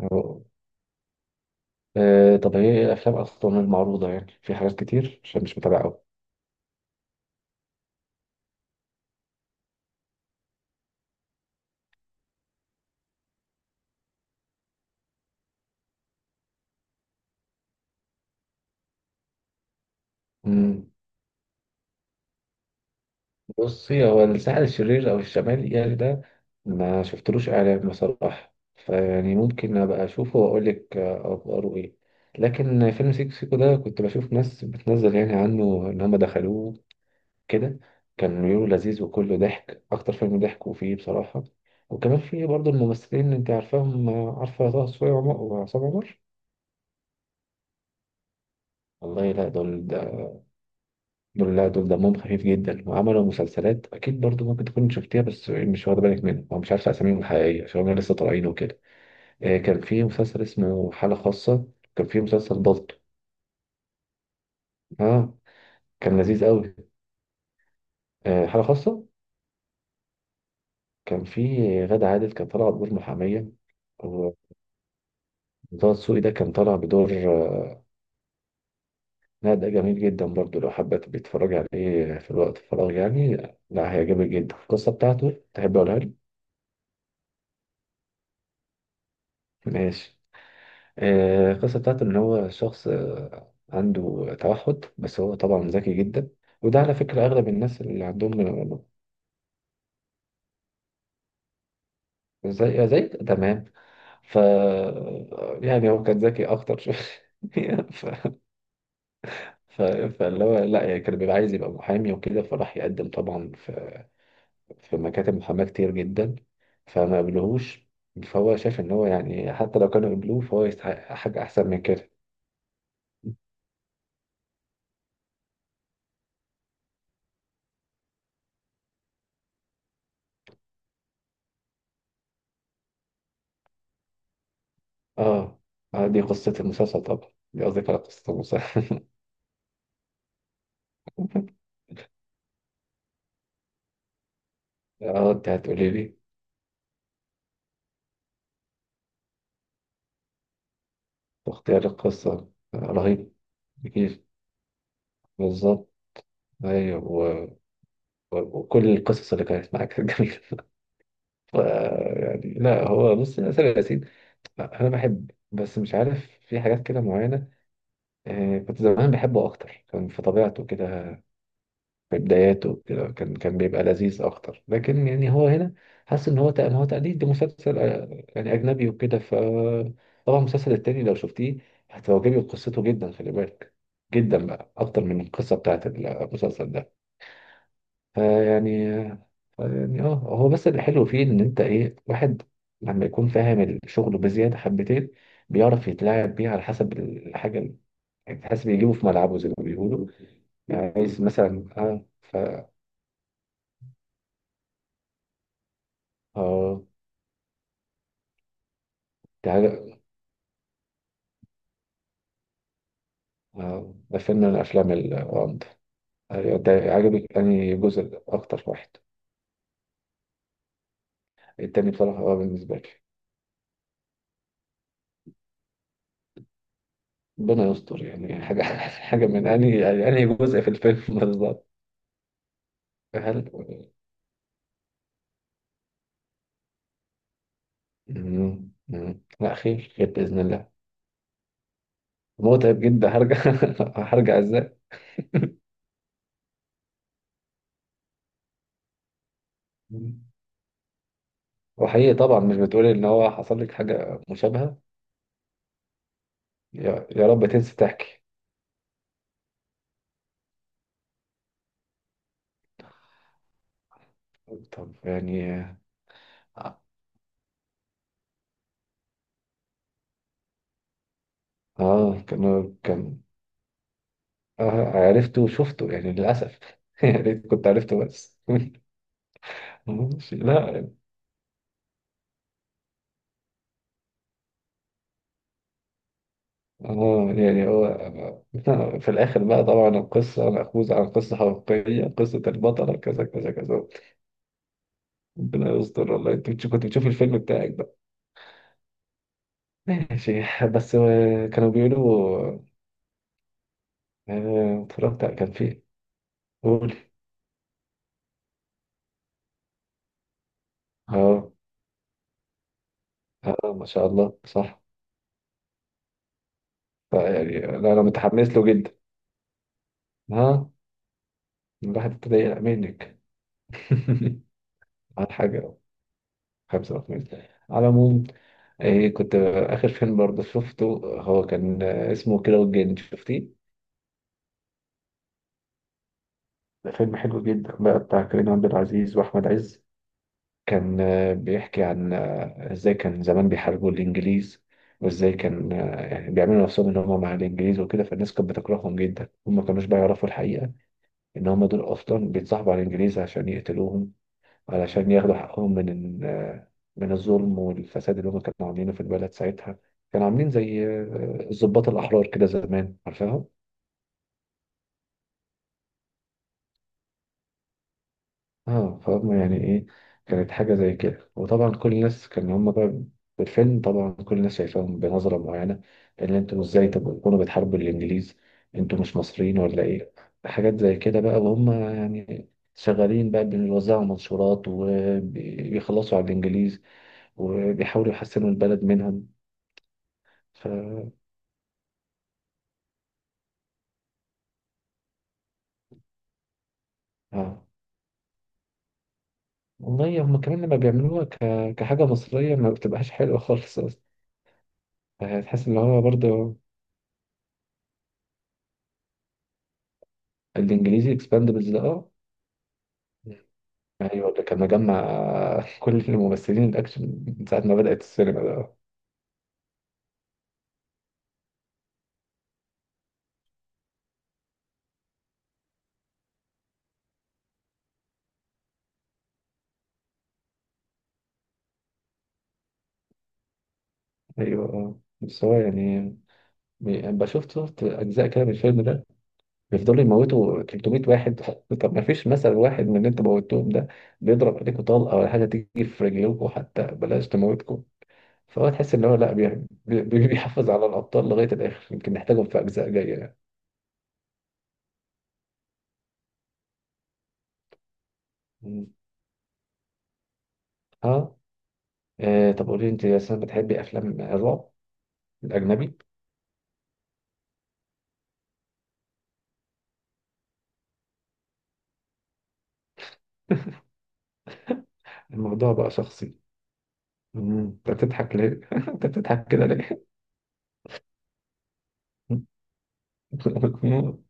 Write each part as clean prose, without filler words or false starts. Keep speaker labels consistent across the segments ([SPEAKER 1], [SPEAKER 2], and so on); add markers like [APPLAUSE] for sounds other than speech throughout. [SPEAKER 1] أه آه، طب هي إيه الأفلام أصلا المعروضة يعني في حاجات كتير عشان مش متابع أوي. مم. بصي، هو الساحل الشرير أو الشمالي يعني ده ما شفتلوش إعلان بصراحة. فيعني ممكن أبقى أشوفه وأقول لك أخباره إيه. لكن فيلم سيكو سيكو ده كنت بشوف ناس بتنزل يعني عنه إن هم دخلوه كده، كان بيقولوا لذيذ وكله ضحك، أكتر فيلم ضحك وفيه بصراحة. وكمان فيه برضه الممثلين اللي أنت عارفاهم، عارفة طه سوية وعصام عمر. والله لا دول، دول لا دول دمهم خفيف جدا وعملوا مسلسلات اكيد برضو، ممكن تكون شفتيها بس مش واخده بالك منها، او مش عارفه اساميهم الحقيقيه عشان هم لسه طالعين وكده. كان في مسلسل اسمه حاله خاصه، كان في مسلسل ضغط. اه، كان لذيذ قوي. حاله خاصه، كان في غادة عادل كان طالعه بدور محاميه، وطه دسوقي ده كان طالع بدور لا ده جميل جدا برضو، لو حابه تبقي تتفرجي عليه في الوقت الفراغ يعني. لا، هيعجبك جدا، القصه بتاعته تحب اقولها لك؟ ماشي. القصة بتاعته إن هو شخص عنده توحد، بس هو طبعا ذكي جدا. وده على فكرة أغلب الناس اللي عندهم. زي تمام. ف يعني هو كان ذكي أكتر شوية [LAUGHS] ف... فاللي هو، لا يعني كان بيبقى عايز يبقى محامي وكده، فراح يقدم طبعا في مكاتب محاماة كتير جدا فما قبلوهوش. فهو شايف إن هو يعني حتى لو كانوا قبلوه فهو يستحق حاجة أحسن من كده. آه، دي قصة المسلسل طبعا، دي قصدي على قصة المسلسل. اه، انت هتقولي لي اختيار القصة رهيب كتير، بالظبط. ايوه وكل القصص اللي كانت معاك كانت جميلة [LAUGHS] ف... يعني لا، هو بص، ياسر ياسين، لا، انا بحب بس مش عارف في حاجات كده معينة. آه، كنت زمان بحبه اكتر، كان في طبيعته كده، في بداياته كده، كان بيبقى لذيذ اكتر، لكن يعني هو هنا حاسس ان هو هو تقليد لمسلسل يعني اجنبي وكده. ف طبعا المسلسل التاني لو شفتيه هتعجبك قصته جدا، خلي بالك، جدا بقى، اكتر من القصه بتاعت المسلسل ده. فيعني يعني اه، هو بس اللي حلو فيه ان انت ايه، واحد لما يكون فاهم الشغل بزياده حبتين بيعرف يتلاعب بيه على حسب الحاجه اللي، يعني حاسس بيجيبه في ملعبه زي ما بيقولوا، يعني عايز مثلا اه. ف اه، دي حاجة. ده فيلم من الأفلام الغامضة. أيوة، أنت عجبك أنهي جزء أكتر؟ واحد؟ التاني بصراحة أه بالنسبة لي. ربنا يستر، يعني يعني حاجة [LAUGHS] حاجة من أنهي يعني أنهي جزء في الفيلم [LAUGHS] بالظبط. هل لا، خير خير بإذن الله. متعب جدا، هرجع [LAUGHS] هرجع إزاي. مم. وحقيقي طبعا، مش بتقولي إن هو حصل لك حاجة مشابهة. يا رب تنسي تحكي. طب يعني، آه، كان اه عرفته وشفته يعني للأسف [LAUGHS] يا ريت كنت عرفته بس [LAUGHS] ماشي. لا اه يعني هو في الآخر بقى طبعا القصة مأخوذة عن قصة حقيقية، قصة البطلة كذا كذا كذا. ربنا يستر والله. انت كنت بتشوف الفيلم بتاعك بقى؟ ماشي. بس كانوا بيقولوا، كان فيه. قول. اه اه، ما شاء الله صح. يعني لا، انا متحمس له جدا. ها، الواحد ابتدى يقلق منك [LAUGHS] على حاجة. 35 على العموم. إيه كنت، آخر فيلم برضه شفته هو كان اسمه كيرة والجن، شفتيه؟ ده فيلم حلو جدا بقى، بتاع كريم عبد العزيز وأحمد عز. كان بيحكي عن إزاي كان زمان بيحاربوا الإنجليز، وإزاي كان يعني بيعملوا نفسهم إن هم مع الإنجليز وكده، فالناس كانت بتكرههم جدا، هم ما كانوش بقى يعرفوا الحقيقة إن هم دول أصلا بيتصاحبوا على الإنجليز عشان يقتلوهم، علشان ياخدوا حقهم من الظلم والفساد اللي هم كانوا عاملينه في البلد ساعتها. كانوا عاملين زي الضباط الأحرار كده زمان، عارفاهم؟ اه، فهم يعني ايه، كانت حاجة زي كده. وطبعا كل الناس كان هم بقى في الفيلم طبعا كل الناس شايفاهم بنظرة معينة، ان انتوا ازاي تكونوا بتحاربوا الانجليز، انتوا مش مصريين ولا ايه، حاجات زي كده بقى. وهم يعني شغالين بقى بيوزعوا منشورات وبيخلصوا على الانجليز، وبيحاولوا يحسنوا البلد منهم. ف اه، والله هم كمان لما بيعملوها كحاجة مصرية ما بتبقاش حلوة خالص أصلا، هتحس إن هو برضه. الإنجليزي إكسباندبلز ده، اه أيوه، اللي كان مجمع [LAUGHS] كل الممثلين الأكشن من ساعة ما بدأت السينما ده، اه أيوه. اه بس هو يعني، يعني بشوف، شفت أجزاء كده من الفيلم ده بيفضلوا يموتوا 300 واحد [LAUGHS] طب ما فيش مثل واحد من اللي أنتوا موتوهم ده بيضرب عليكم طلقة، ولا حاجة تيجي في رجلكم حتى بلاش تموتكم. فهو تحس ان هو لا، بيحافظ على الابطال لغايه الاخر، يمكن نحتاجهم في اجزاء جايه يعني. مم. اه، طب قولي انت يا سنة، بتحبي افلام الرعب الاجنبي؟ الموضوع بقى شخصي. مم. انت بتضحك ليه؟ [LAUGHS] انت بتضحك كده ليه؟ [LAUGHS]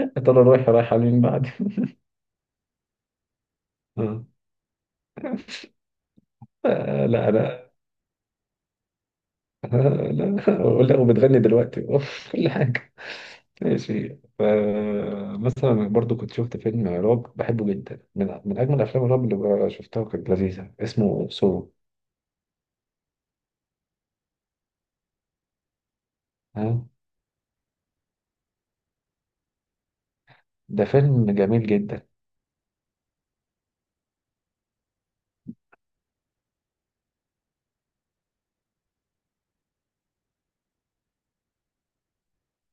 [SPEAKER 1] يا ترى رايحه لمين بعد؟ آه، آه، لا [LAUGHS] لا، آه، لا [LAUGHS] ولا وبتغني دلوقتي [LAUGHS] كل حاجه. ماشي. فمثلا برضو كنت شفت فيلم رعب بحبه جدا، من أجمل أفلام الرعب اللي شفتها، وكانت لذيذة، اسمه سو. ها، ده فيلم جميل جدا.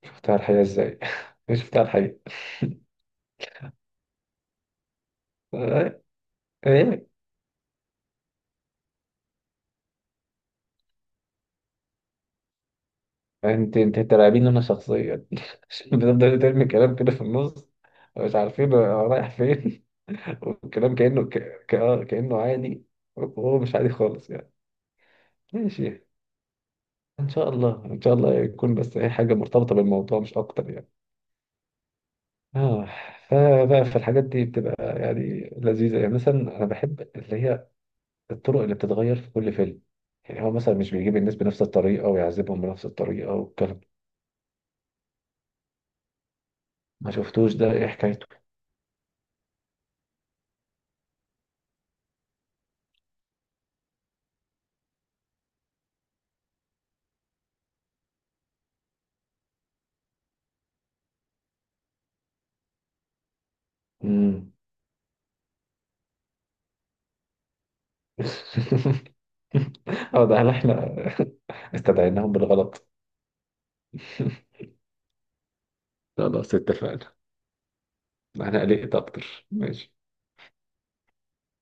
[SPEAKER 1] شفتها على الحقيقة إزاي؟ [LAUGHS] شفتها على الحقيقة. آه، إيه. أنت، أنت ترعبين أنا شخصيا [LAUGHS] بتفضل ترمي كلام كده في النص، مش عارفين هو رايح فين [LAUGHS] والكلام كأنه آه، كأنه عادي وهو مش عادي خالص يعني. ماشي. ان شاء الله يكون، بس اي حاجه مرتبطه بالموضوع مش اكتر يعني. اه، فبقى في الحاجات دي بتبقى يعني لذيذة. يعني مثلا أنا بحب اللي هي الطرق اللي بتتغير في كل فيلم، يعني هو مثلا مش بيجيب الناس بنفس الطريقة ويعذبهم بنفس الطريقة والكلام ده. ما شفتوش، ده إيه حكايته؟ مم. [LAUGHS] اه ده، هل إحنا [LAUGHS] استدعيناهم بالغلط؟ [LAUGHS] خلاص اتفقنا. أنا قلقت أكتر، ماشي.